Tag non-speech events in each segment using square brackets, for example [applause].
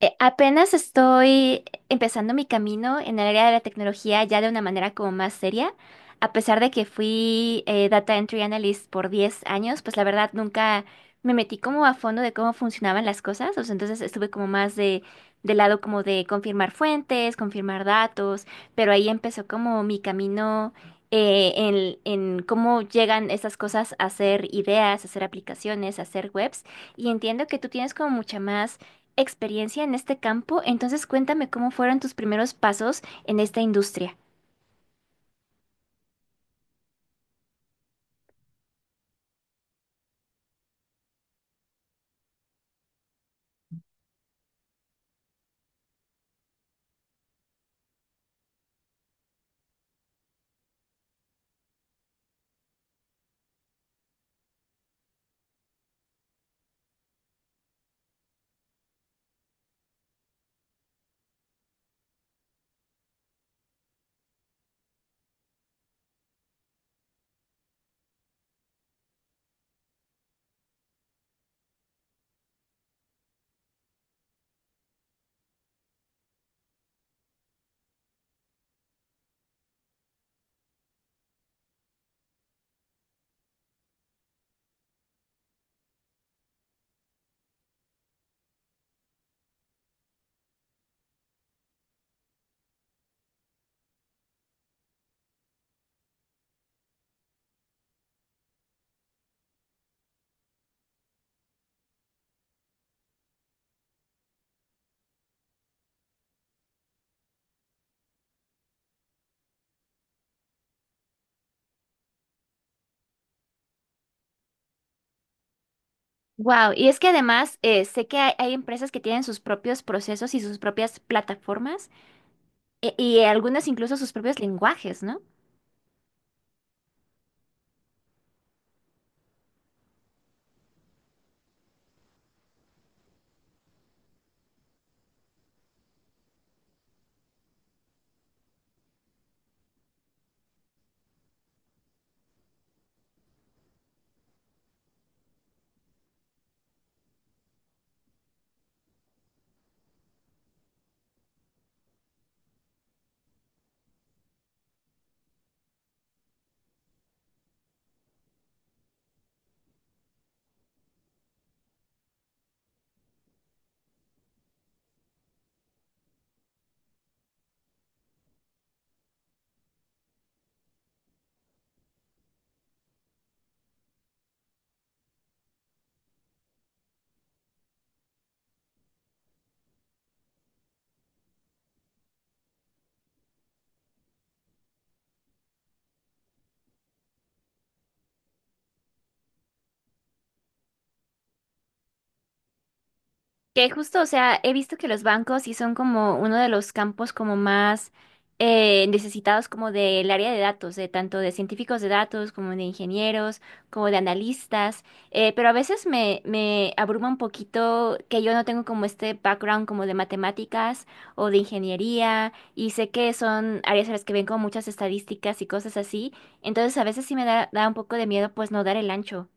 Apenas estoy empezando mi camino en el área de la tecnología ya de una manera como más seria. A pesar de que fui Data Entry Analyst por 10 años, pues la verdad nunca me metí como a fondo de cómo funcionaban las cosas. O sea, entonces estuve como más de, del lado como de confirmar fuentes, confirmar datos, pero ahí empezó como mi camino en cómo llegan estas cosas a ser ideas, a ser aplicaciones, a ser webs. Y entiendo que tú tienes como mucha más experiencia en este campo, entonces cuéntame cómo fueron tus primeros pasos en esta industria. Wow, y es que además sé que hay empresas que tienen sus propios procesos y sus propias plataformas y algunas incluso sus propios lenguajes, ¿no? Que justo, o sea, he visto que los bancos sí son como uno de los campos como más necesitados como del área de datos, de tanto de científicos de datos como de ingenieros, como de analistas, pero a veces me abruma un poquito que yo no tengo como este background como de matemáticas o de ingeniería y sé que son áreas en las que ven como muchas estadísticas y cosas así, entonces a veces sí me da, da un poco de miedo pues no dar el ancho.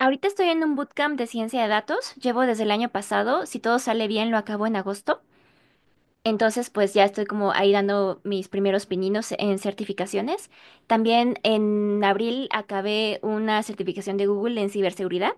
Ahorita estoy en un bootcamp de ciencia de datos, llevo desde el año pasado, si todo sale bien lo acabo en agosto, entonces pues ya estoy como ahí dando mis primeros pininos en certificaciones. También en abril acabé una certificación de Google en ciberseguridad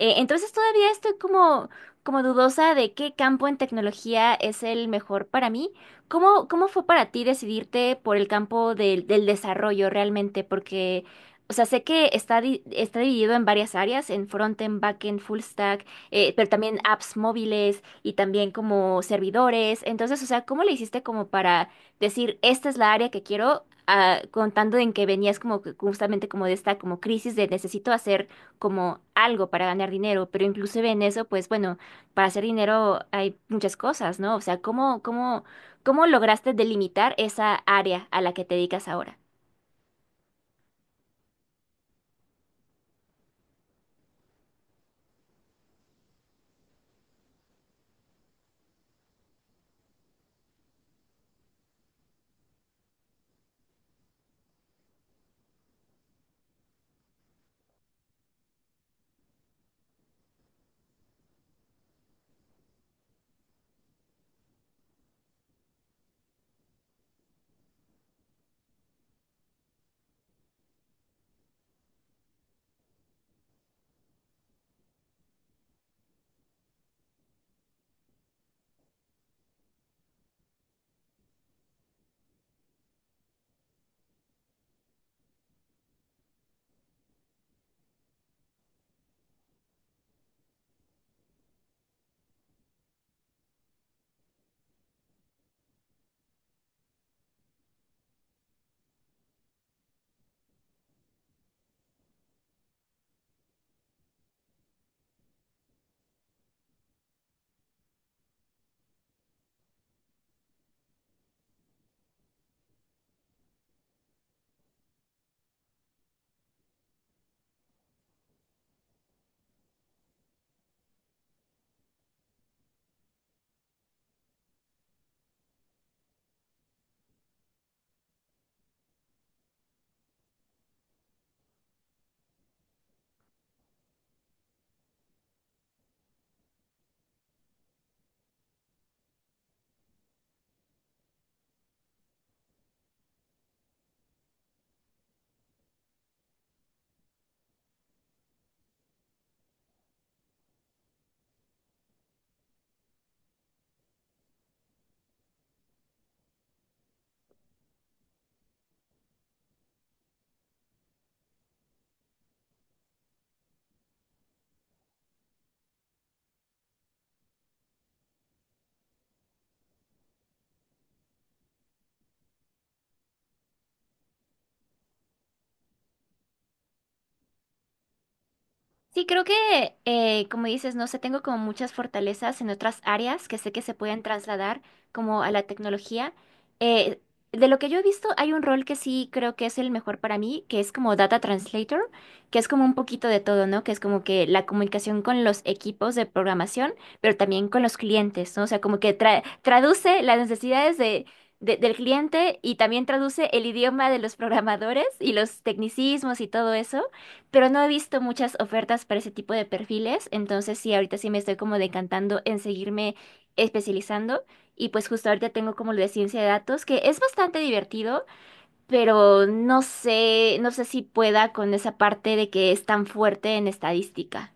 entonces todavía estoy como, como dudosa de qué campo en tecnología es el mejor para mí. ¿Cómo, cómo fue para ti decidirte por el campo del, del desarrollo realmente? Porque, o sea, sé que está, está dividido en varias áreas, en frontend, backend, full stack, pero también apps móviles y también como servidores. Entonces, o sea, ¿cómo le hiciste como para decir, esta es la área que quiero? Ah, contando en que venías como que justamente como de esta como crisis de necesito hacer como algo para ganar dinero, pero inclusive en eso, pues bueno, para hacer dinero hay muchas cosas, ¿no? O sea, ¿cómo, cómo, cómo lograste delimitar esa área a la que te dedicas ahora? Sí, creo que, como dices, no sé, tengo como muchas fortalezas en otras áreas que sé que se pueden trasladar como a la tecnología. Eh, de lo que yo he visto, hay un rol que sí creo que es el mejor para mí, que es como Data Translator, que es como un poquito de todo, ¿no? Que es como que la comunicación con los equipos de programación, pero también con los clientes, ¿no? O sea, como que traduce las necesidades de del cliente y también traduce el idioma de los programadores y los tecnicismos y todo eso, pero no he visto muchas ofertas para ese tipo de perfiles, entonces sí, ahorita sí me estoy como decantando en seguirme especializando y pues justo ahorita tengo como lo de ciencia de datos, que es bastante divertido, pero no sé, no sé si pueda con esa parte de que es tan fuerte en estadística.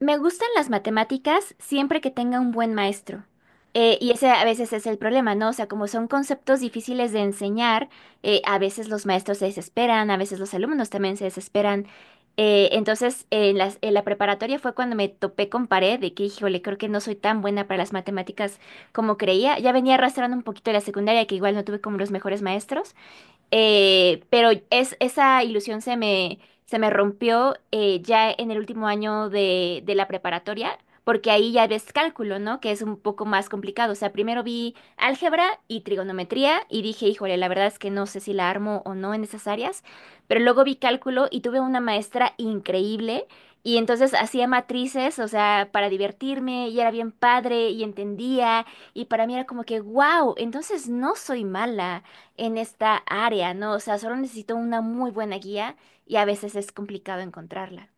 Me gustan las matemáticas siempre que tenga un buen maestro. Y ese a veces es el problema, ¿no? O sea, como son conceptos difíciles de enseñar, a veces los maestros se desesperan, a veces los alumnos también se desesperan. Entonces, en la preparatoria fue cuando me topé con pared de que, híjole, creo que no soy tan buena para las matemáticas como creía. Ya venía arrastrando un poquito la secundaria, que igual no tuve como los mejores maestros. Pero es, esa ilusión se me rompió ya en el último año de la preparatoria, porque ahí ya ves cálculo, ¿no? Que es un poco más complicado. O sea, primero vi álgebra y trigonometría y dije, híjole, la verdad es que no sé si la armo o no en esas áreas, pero luego vi cálculo y tuve una maestra increíble. Y entonces hacía matrices, o sea, para divertirme, y era bien padre, y entendía, y para mí era como que, wow, entonces no soy mala en esta área, ¿no? O sea, solo necesito una muy buena guía y a veces es complicado encontrarla.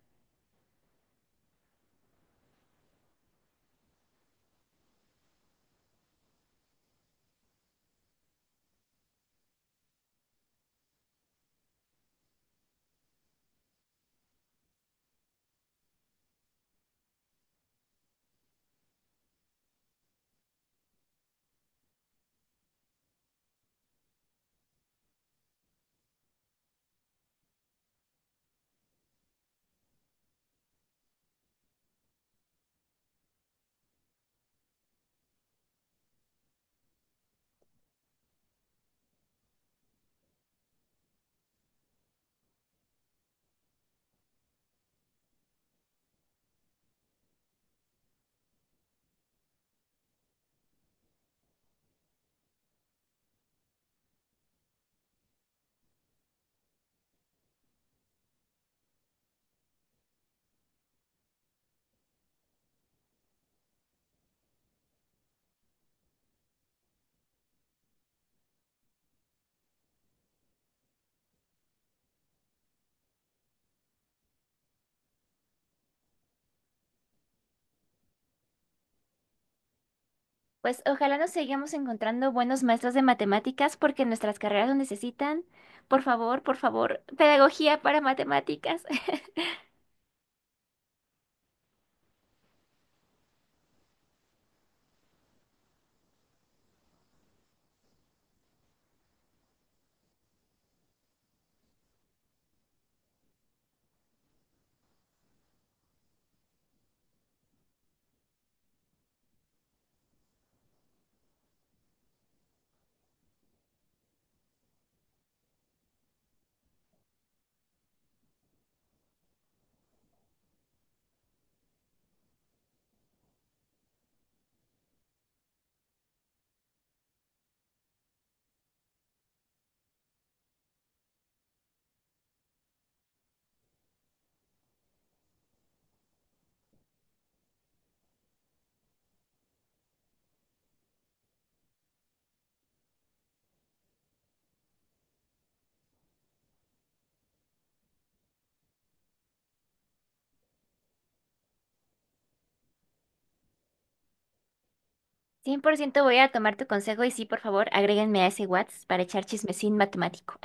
Pues ojalá nos sigamos encontrando buenos maestros de matemáticas porque nuestras carreras lo necesitan. Por favor, pedagogía para matemáticas. [laughs] 100% voy a tomar tu consejo y sí, por favor, agréguenme a ese WhatsApp para echar chismecín matemático.